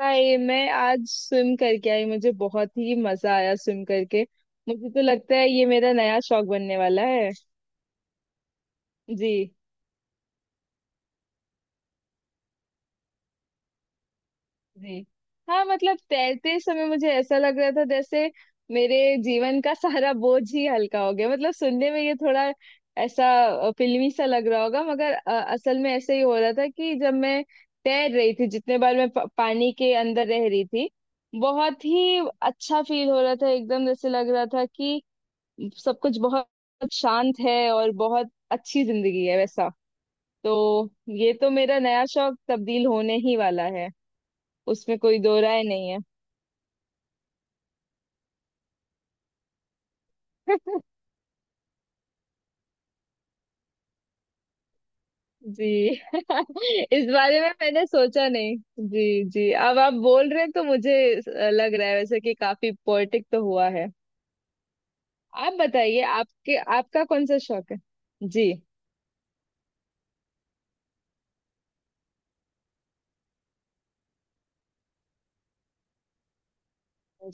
भाई, मैं आज स्विम करके आई। मुझे बहुत ही मजा आया स्विम करके। मुझे तो लगता है ये मेरा नया शौक बनने वाला है। जी। जी। हाँ, मतलब तैरते समय मुझे ऐसा लग रहा था जैसे मेरे जीवन का सारा बोझ ही हल्का हो गया। मतलब सुनने में ये थोड़ा ऐसा फिल्मी सा लग रहा होगा, मगर असल में ऐसे ही हो रहा था कि जब मैं तैर रही थी, जितने बार मैं पानी के अंदर रह रही थी बहुत ही अच्छा फील हो रहा था। एकदम जैसे लग रहा था कि सब कुछ बहुत शांत है और बहुत अच्छी जिंदगी है, वैसा। तो ये तो मेरा नया शौक तब्दील होने ही वाला है। उसमें कोई दो राय नहीं है। जी। इस बारे में मैंने सोचा नहीं। जी, जी, अब आप बोल रहे हैं तो मुझे लग रहा है वैसे कि काफी पोएटिक तो हुआ है। आप बताइए, आपके आपका कौन सा शौक है? जी।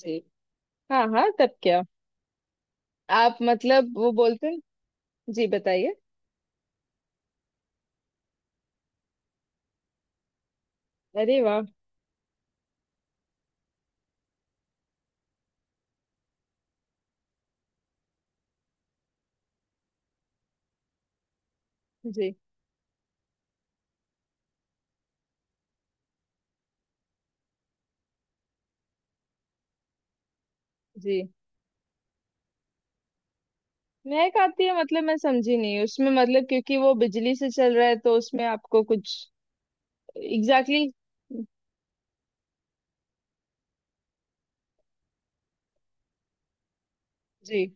जी। हाँ, हाँ, तब क्या? आप मतलब वो बोलते हैं। जी, बताइए। अरे वाह। जी। जी। मैं खाती है, मतलब मैं समझी नहीं उसमें, मतलब क्योंकि वो बिजली से चल रहा है तो उसमें आपको कुछ। एग्जैक्टली exactly, जी।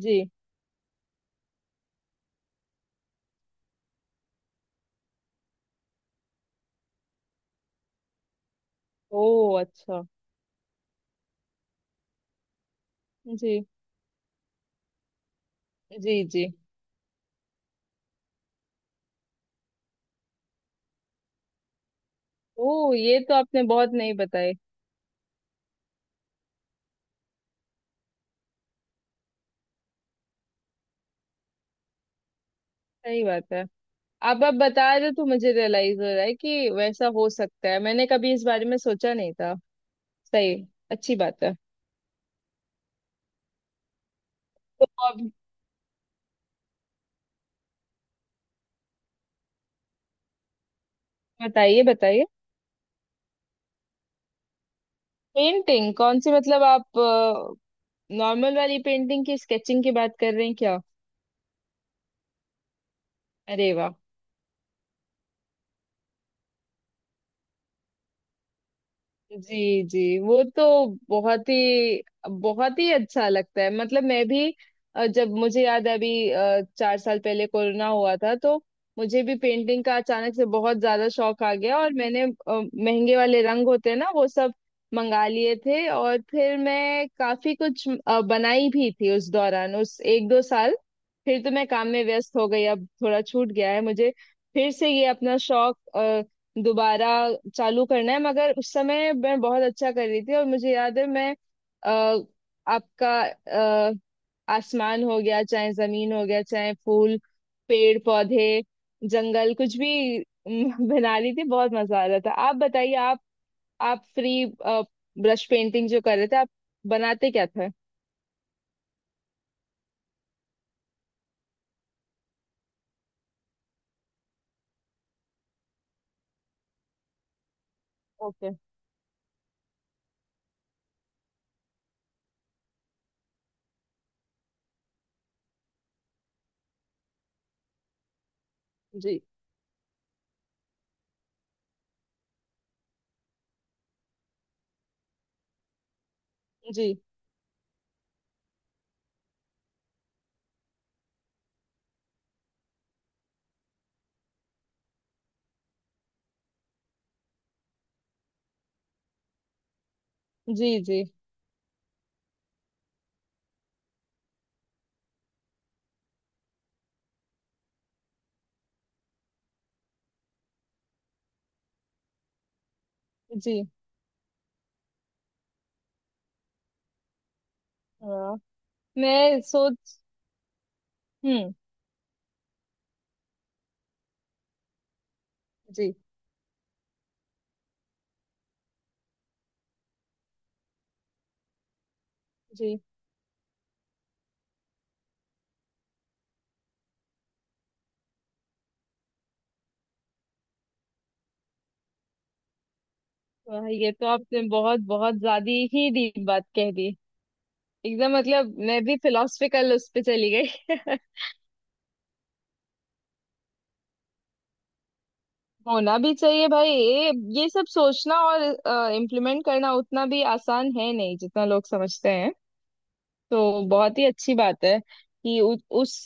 जी। ओ, अच्छा। जी। जी। जी। ओ, ये तो आपने बहुत नहीं बताई। सही बात है। अब आप बता रहे हो तो मुझे रियलाइज हो रहा है कि वैसा हो सकता है। मैंने कभी इस बारे में सोचा नहीं था। सही। अच्छी बात है। तो अब बताइए, बताइए। पेंटिंग कौन सी, मतलब आप नॉर्मल वाली पेंटिंग की, स्केचिंग की बात कर रहे हैं क्या? अरे वाह। जी, जी, वो तो बहुत ही, बहुत ही अच्छा लगता है। मतलब मैं भी जब मुझे याद है, अभी चार साल पहले कोरोना हुआ था, तो मुझे भी पेंटिंग का अचानक से बहुत ज्यादा शौक आ गया। और मैंने महंगे वाले रंग होते हैं ना, वो सब मंगा लिए थे। और फिर मैं काफी कुछ बनाई भी थी उस दौरान, उस 1-2 साल। फिर तो मैं काम में व्यस्त हो गई। अब थोड़ा छूट गया है। मुझे फिर से ये अपना शौक दोबारा चालू करना है। मगर उस समय मैं बहुत अच्छा कर रही थी, और मुझे याद है मैं अ, आपका अ, आसमान हो गया, चाहे जमीन हो गया, चाहे फूल, पेड़ पौधे, जंगल, कुछ भी बना रही थी, बहुत मजा आ रहा था। आप बताइए, आप फ्री ब्रश पेंटिंग जो कर रहे थे, आप बनाते क्या थे? ओके। जी, जी, जी, जी, जी। हाँ। मैं सोच। हम्म। जी। जी। वाह, ये तो आपने बहुत, बहुत ज्यादा ही डीप बात कह दी। एकदम, मतलब मैं भी फिलोसफिकल उस पे चली गई। होना भी चाहिए भाई। ये सब सोचना और इम्प्लीमेंट करना उतना भी आसान है नहीं जितना लोग समझते हैं। तो बहुत ही अच्छी बात है कि उस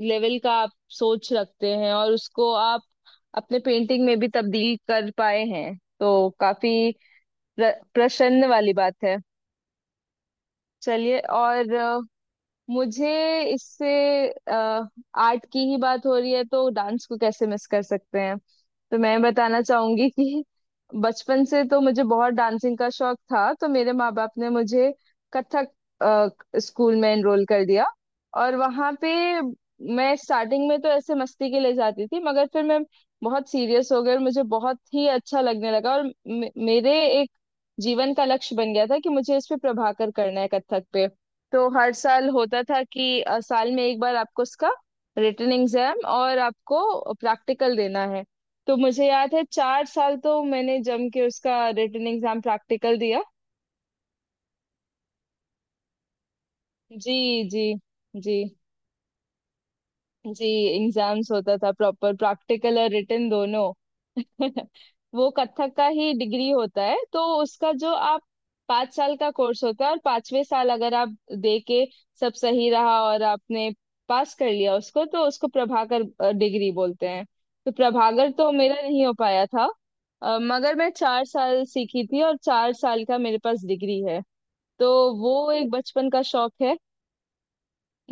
लेवल का आप सोच रखते हैं, और उसको आप अपने पेंटिंग में भी तब्दील कर पाए हैं तो काफी प्रसन्न वाली बात है। चलिए। और मुझे, इससे आर्ट की ही बात हो रही है तो डांस को कैसे मिस कर सकते हैं। तो मैं बताना चाहूंगी कि बचपन से तो मुझे बहुत डांसिंग का शौक था। तो मेरे माँ बाप ने मुझे कथक स्कूल में एनरोल कर दिया। और वहाँ पे मैं स्टार्टिंग में तो ऐसे मस्ती के लिए जाती थी, मगर फिर मैं बहुत सीरियस हो गई और मुझे बहुत ही अच्छा लगने लगा। और मेरे एक जीवन का लक्ष्य बन गया था कि मुझे इस पे प्रभाकर करना है, कथक पे। तो हर साल होता था कि साल में एक बार आपको उसका रिटन एग्जाम और आपको प्रैक्टिकल देना है। तो मुझे याद है, 4 साल तो मैंने जम के उसका रिटन एग्जाम प्रैक्टिकल दिया। जी। जी। जी। जी। एग्जाम्स होता था, प्रॉपर प्रैक्टिकल और रिटन दोनों। वो कथक का ही डिग्री होता है, तो उसका जो आप 5 साल का कोर्स होता है, और 5वें साल अगर आप दे के सब सही रहा और आपने पास कर लिया उसको, तो उसको प्रभाकर डिग्री बोलते हैं। तो प्रभाकर तो मेरा नहीं हो पाया था, मगर मैं 4 साल सीखी थी, और 4 साल का मेरे पास डिग्री है। तो वो एक बचपन का शौक है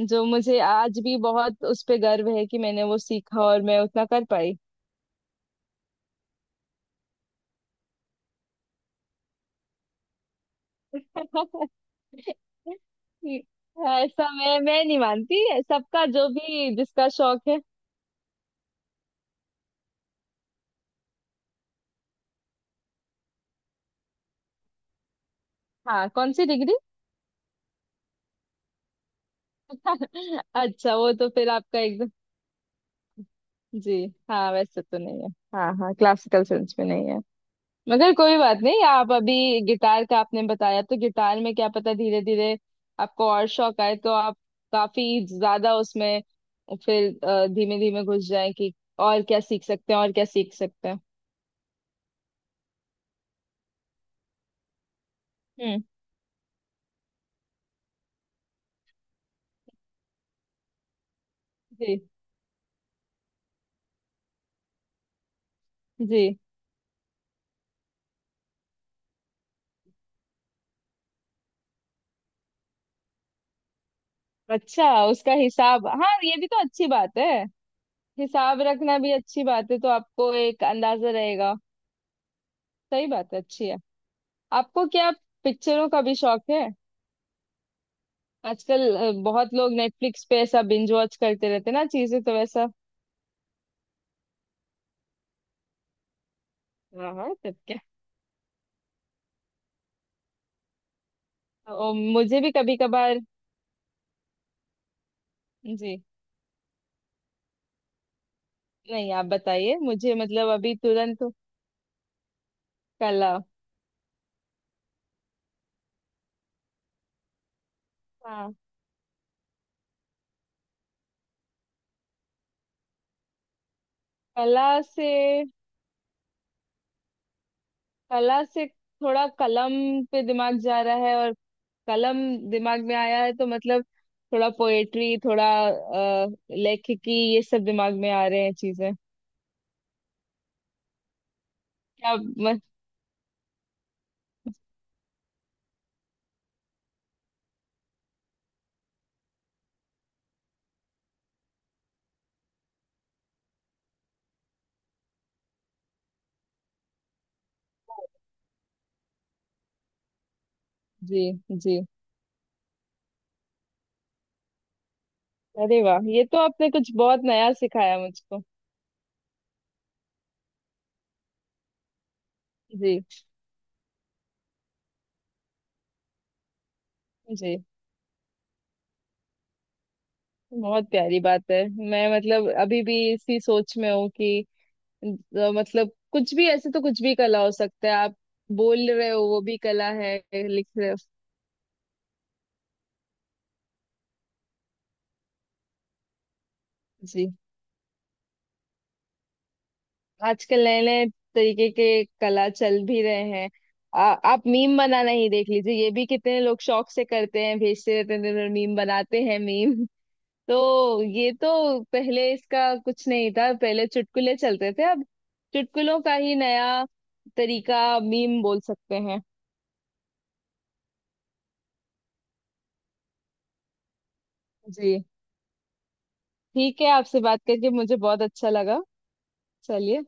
जो मुझे आज भी बहुत उस पे गर्व है कि मैंने वो सीखा और मैं उतना कर पाई। ऐसा मैं नहीं मानती, सबका जो भी, जिसका शौक है। हाँ, कौन सी डिग्री? अच्छा, वो तो फिर आपका एकदम। जी। हाँ, वैसे तो नहीं है। हाँ, हाँ, क्लासिकल सेंस में नहीं है। मगर कोई बात नहीं, आप अभी गिटार का आपने बताया, तो गिटार में क्या पता, धीरे धीरे आपको और शौक आए तो आप काफी ज्यादा उसमें फिर धीमे धीमे घुस जाए कि और क्या सीख सकते हैं, और क्या सीख सकते हैं। हम्म। जी। जी। अच्छा, उसका हिसाब, हाँ ये भी तो अच्छी बात है। हिसाब रखना भी अच्छी बात है, तो आपको एक अंदाजा रहेगा। सही बात है। अच्छी है। आपको क्या पिक्चरों का भी शौक है? आजकल बहुत लोग नेटफ्लिक्स पे ऐसा बिंज वॉच करते रहते हैं ना चीजें, तो वैसा। हाँ, हाँ, तब क्या? और मुझे भी कभी कभार। जी, नहीं, आप बताइए मुझे, मतलब अभी तुरंत। कला। हाँ। कला से। कला से थोड़ा कलम पे दिमाग जा रहा है, और कलम दिमाग में आया है तो मतलब थोड़ा पोएट्री, थोड़ा लेखिकी, ये सब दिमाग में आ रहे हैं चीजें। क्या मस्त। जी। जी। अरे वाह, ये तो आपने कुछ बहुत नया सिखाया मुझको। जी। जी। बहुत प्यारी बात है। मैं मतलब अभी भी इसी सोच में हूँ कि अ, मतलब कुछ भी, ऐसे तो कुछ भी कला हो सकता है। आप बोल रहे हो वो भी कला है। लिख रहे हो। जी। आजकल नए नए तरीके के कला चल भी रहे हैं। आप मीम बनाना ही देख लीजिए, ये भी कितने लोग शौक से करते हैं, भेजते रहते हैं, मीम बनाते हैं मीम। तो ये तो पहले इसका कुछ नहीं था, पहले चुटकुले चलते थे, अब चुटकुलों का ही नया तरीका मीम बोल सकते हैं। जी। ठीक है, आपसे बात करके मुझे बहुत अच्छा लगा। चलिए।